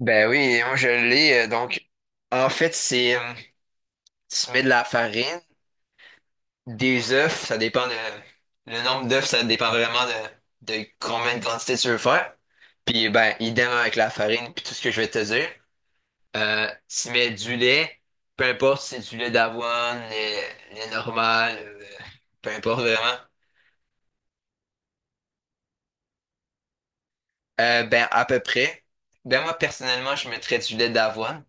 Ben oui, moi je l'ai. Donc, en fait, c'est tu mets de la farine, des œufs, ça dépend de le nombre d'œufs, ça dépend vraiment de combien de quantité tu veux faire. Puis ben, idem avec la farine, puis tout ce que je vais te dire. Tu mets du lait, peu importe si c'est du lait d'avoine, lait, lait normal, peu importe vraiment. Ben à peu près. Ben moi personnellement, je mettrais du lait d'avoine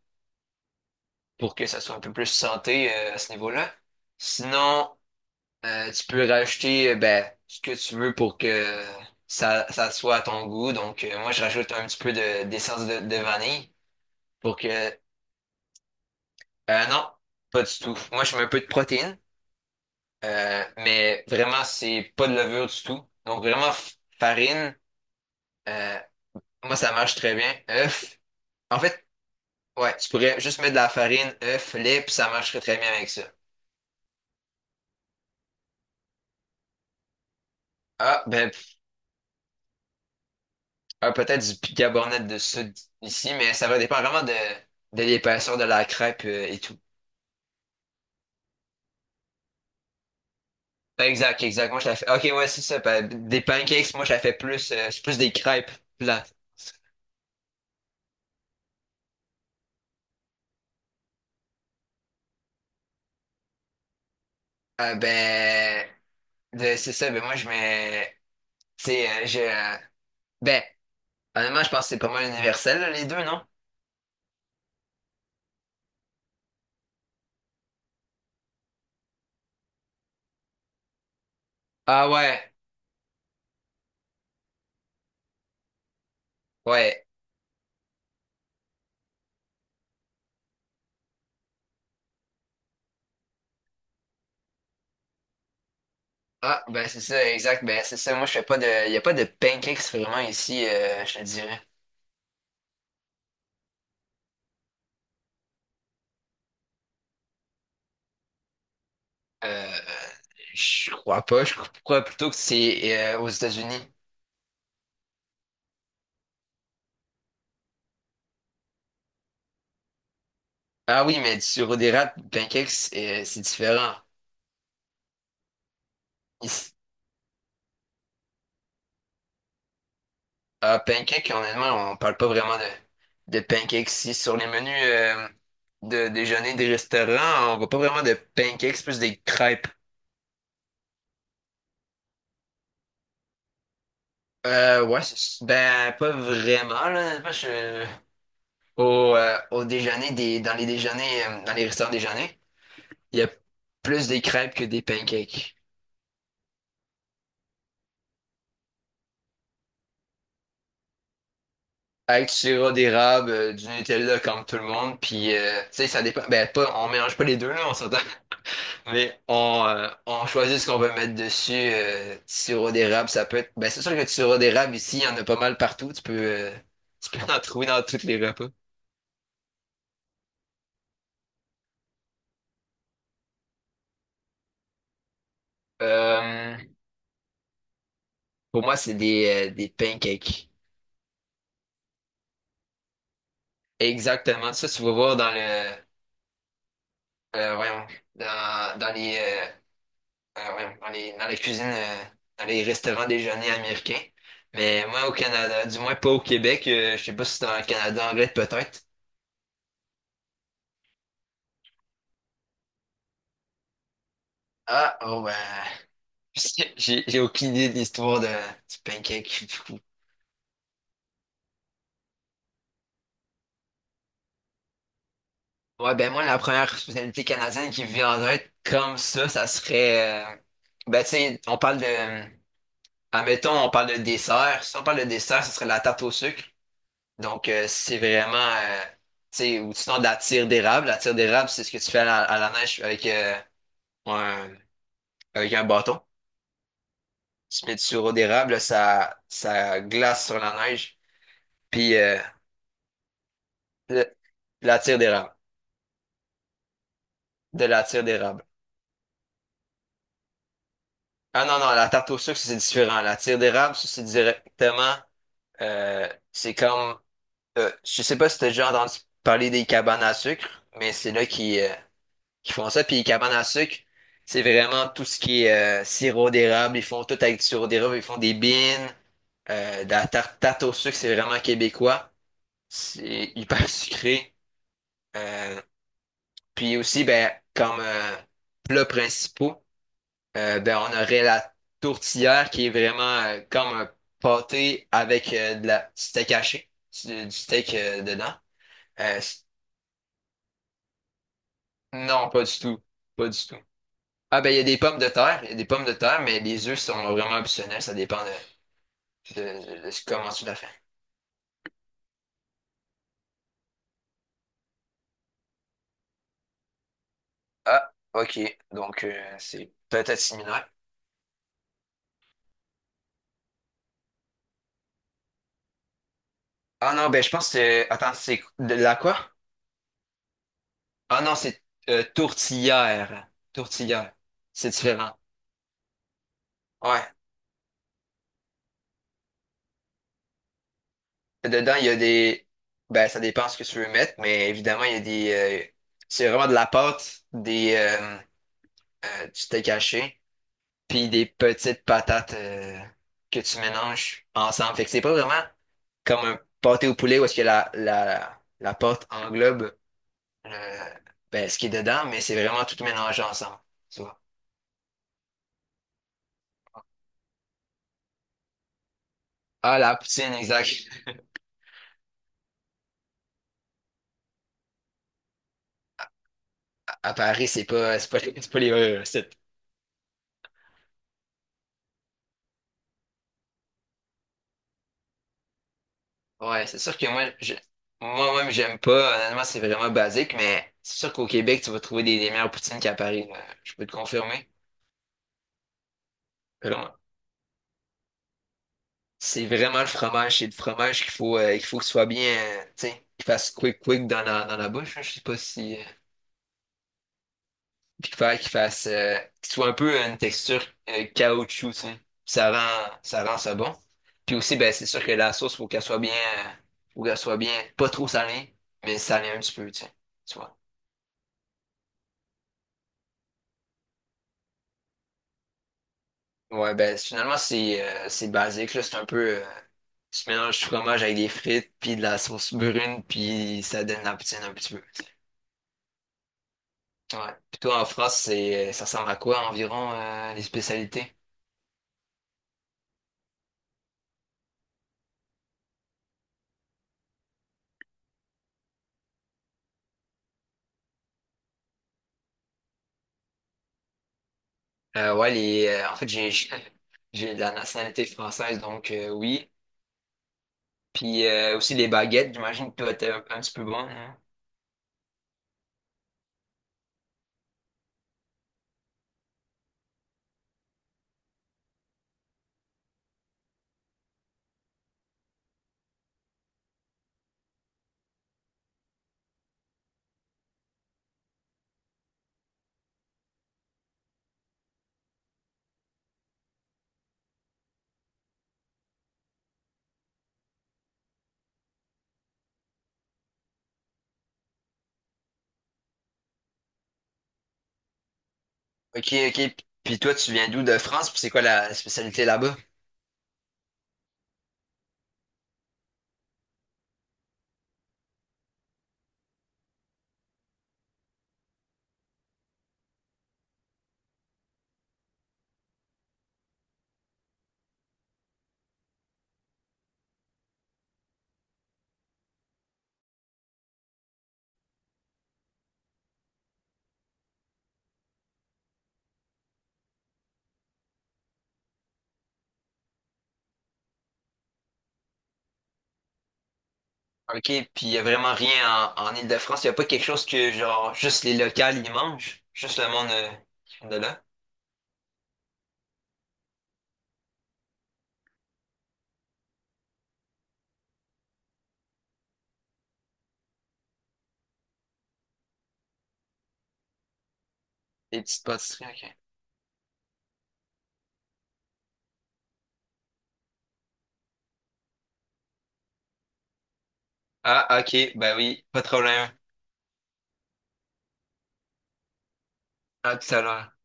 pour que ça soit un peu plus santé à ce niveau-là. Sinon, tu peux rajouter ben, ce que tu veux pour que ça soit à ton goût. Donc, moi, je rajoute un petit peu d'essence de vanille pour que... non, pas du tout. Moi, je mets un peu de protéines, mais vraiment, c'est pas de levure du tout. Donc, vraiment, farine, euh, moi, ça marche très bien. Œuf. En fait, ouais, tu pourrais juste mettre de la farine, œuf, lait, puis ça marcherait très bien avec ça. Ah, ben, ah, peut-être du bicarbonate de soude ici, mais ça va dépendre vraiment de l'épaisseur de la crêpe et tout. Exact, exact. Moi, je la fais. Ok, ouais, c'est ça. Des pancakes, moi, je la fais plus. C'est plus des crêpes plates. Ah, ben, c'est ça. Ben, moi, je mets. Tu sais, je. Ben, honnêtement, je pense que c'est pas mal universel, là, les deux, non? Ah, ouais. Ouais. Ah, ben, c'est ça, exact. Ben, c'est ça. Moi, je fais pas de. Il y a pas de pancakes vraiment ici, je te dirais. Euh, je crois pas. Je crois plutôt que c'est aux États-Unis. Ah oui, mais sur des d'érable, pancakes, c'est différent. Ici, ah, pancakes, honnêtement, on parle pas vraiment de pancakes ici. Sur les menus de déjeuner des restaurants, on voit pas vraiment de pancakes, plus des crêpes. Ouais, ben, pas vraiment, là. Honnêtement, au déjeuner, dans les déjeuners, dans les restaurants déjeuners, il y a plus des crêpes que des pancakes. Avec du sirop d'érable, du Nutella comme tout le monde, puis tu sais, ça dépend. Ben, pas, on mélange pas les deux, là, on s'entend. Mais on choisit ce qu'on veut mettre dessus. Du sirop d'érable, ça peut être. Ben, c'est sûr que du sirop d'érable, ici, il y en a pas mal partout. Tu peux en trouver dans tous les repas. Euh, pour moi, c'est des pancakes. Exactement. Ça, tu vas voir dans le. Voyons. Dans, dans les. Ah ouais, dans les cuisines, dans les restaurants déjeuner américains. Mais moi, au Canada, du moins pas au Québec, je sais pas si c'est dans le Canada anglais peut-être. Ah, oh ben, j'ai aucune idée de l'histoire de, du pancake. Du coup. Ouais, ben moi, la première spécialité canadienne qui me vient en tête comme ça serait... ben tu sais, on parle de... Admettons, on parle de dessert. Si on parle de dessert, ça serait la tarte au sucre. Donc, c'est vraiment, tu sais, ou sinon de la tire d'érable. La tire d'érable, c'est ce que tu fais à la neige avec, un, avec un bâton. Tu mets du sirop d'érable, ça glace sur la neige. Puis, le- la tire d'érable. De la tire d'érable. Ah non, non, la tarte au sucre, ça, c'est différent. La tire d'érable, ça, c'est directement, c'est comme, je sais pas si t'as déjà entendu parler des cabanes à sucre, mais c'est là qui font ça. Puis cabane à sucre, c'est vraiment tout ce qui est sirop d'érable. Ils font tout avec du sirop d'érable. Ils font des beans, de la tarte, tarte au sucre, c'est vraiment québécois. C'est hyper sucré. Euh, Puis aussi, ben, comme plats principaux, ben, on aurait la tourtière qui est vraiment comme un pâté avec de la du steak haché, du steak dedans. Euh, c- non, pas du tout. Pas du tout. Ah ben il y a des pommes de terre, il y a des pommes de terre, mais les œufs sont vraiment optionnels, ça dépend de ce- comment tu la fais. Ah, ok, donc c'est peut-être similaire. Ah non, ben je pense que... Attends, c'est de la quoi? Ah non, c'est tourtière. Tourtière, c'est différent. Ouais, dedans il y a des... Ben ça dépend ce que tu veux mettre, mais évidemment il y a des... euh, c'est vraiment de la pâte, des... du steak haché, puis des petites patates que tu mélanges ensemble. Fait que c'est pas vraiment comme un pâté au poulet où est-ce que la pâte englobe euh, ben, ce qui est dedans, mais c'est vraiment tout mélangé ensemble. Tu vois. Ah, la poutine, exact. À Paris, c'est pas, c'est pas, c'est pas les vraies recettes. Ouais, c'est sûr que moi, je, moi-même, j'aime pas. Honnêtement, c'est vraiment basique, mais c'est sûr qu'au Québec, tu vas trouver des meilleures poutines qu'à Paris. Là. Je peux te confirmer. Vraiment. C'est vraiment le fromage. C'est le fromage qu'il faut, qu'il faut qu'il soit bien, tu sais, qu'il fasse quick quick dans la bouche. Hein, je sais pas si. Puis qu'il fasse, qu'il soit un peu une texture caoutchouc, tu sais. Ça rend, ça rend ça bon. Puis aussi, ben, c'est sûr que la sauce, faut qu'elle soit bien, faut qu'elle soit bien, pas trop salée, mais salée un petit peu, tu sais. Tu vois. Ouais, ben, finalement, c'est basique, là. C'est un peu. Tu mélanges du fromage avec des frites, puis de la sauce brune, puis ça donne la poutine un petit peu. Ouais. Puis toi, en France, c'est, ça ressemble à quoi environ les spécialités? Ouais, les, en fait, j'ai j'ai de la nationalité française, donc oui. Puis aussi les baguettes, j'imagine que toi, t'es un petit peu bon. Hein. Ok, ok. Puis toi, tu viens d'où de France? Puis c'est quoi la spécialité là-bas? Ok, puis il y a vraiment rien en, en Île-de-France. Il n'y a pas quelque chose que, genre, juste les locales, ils mangent? Juste le monde de là? Des petites pâtisseries, ok. Ah, ok, ben oui, pas de problème. À tout à l'heure.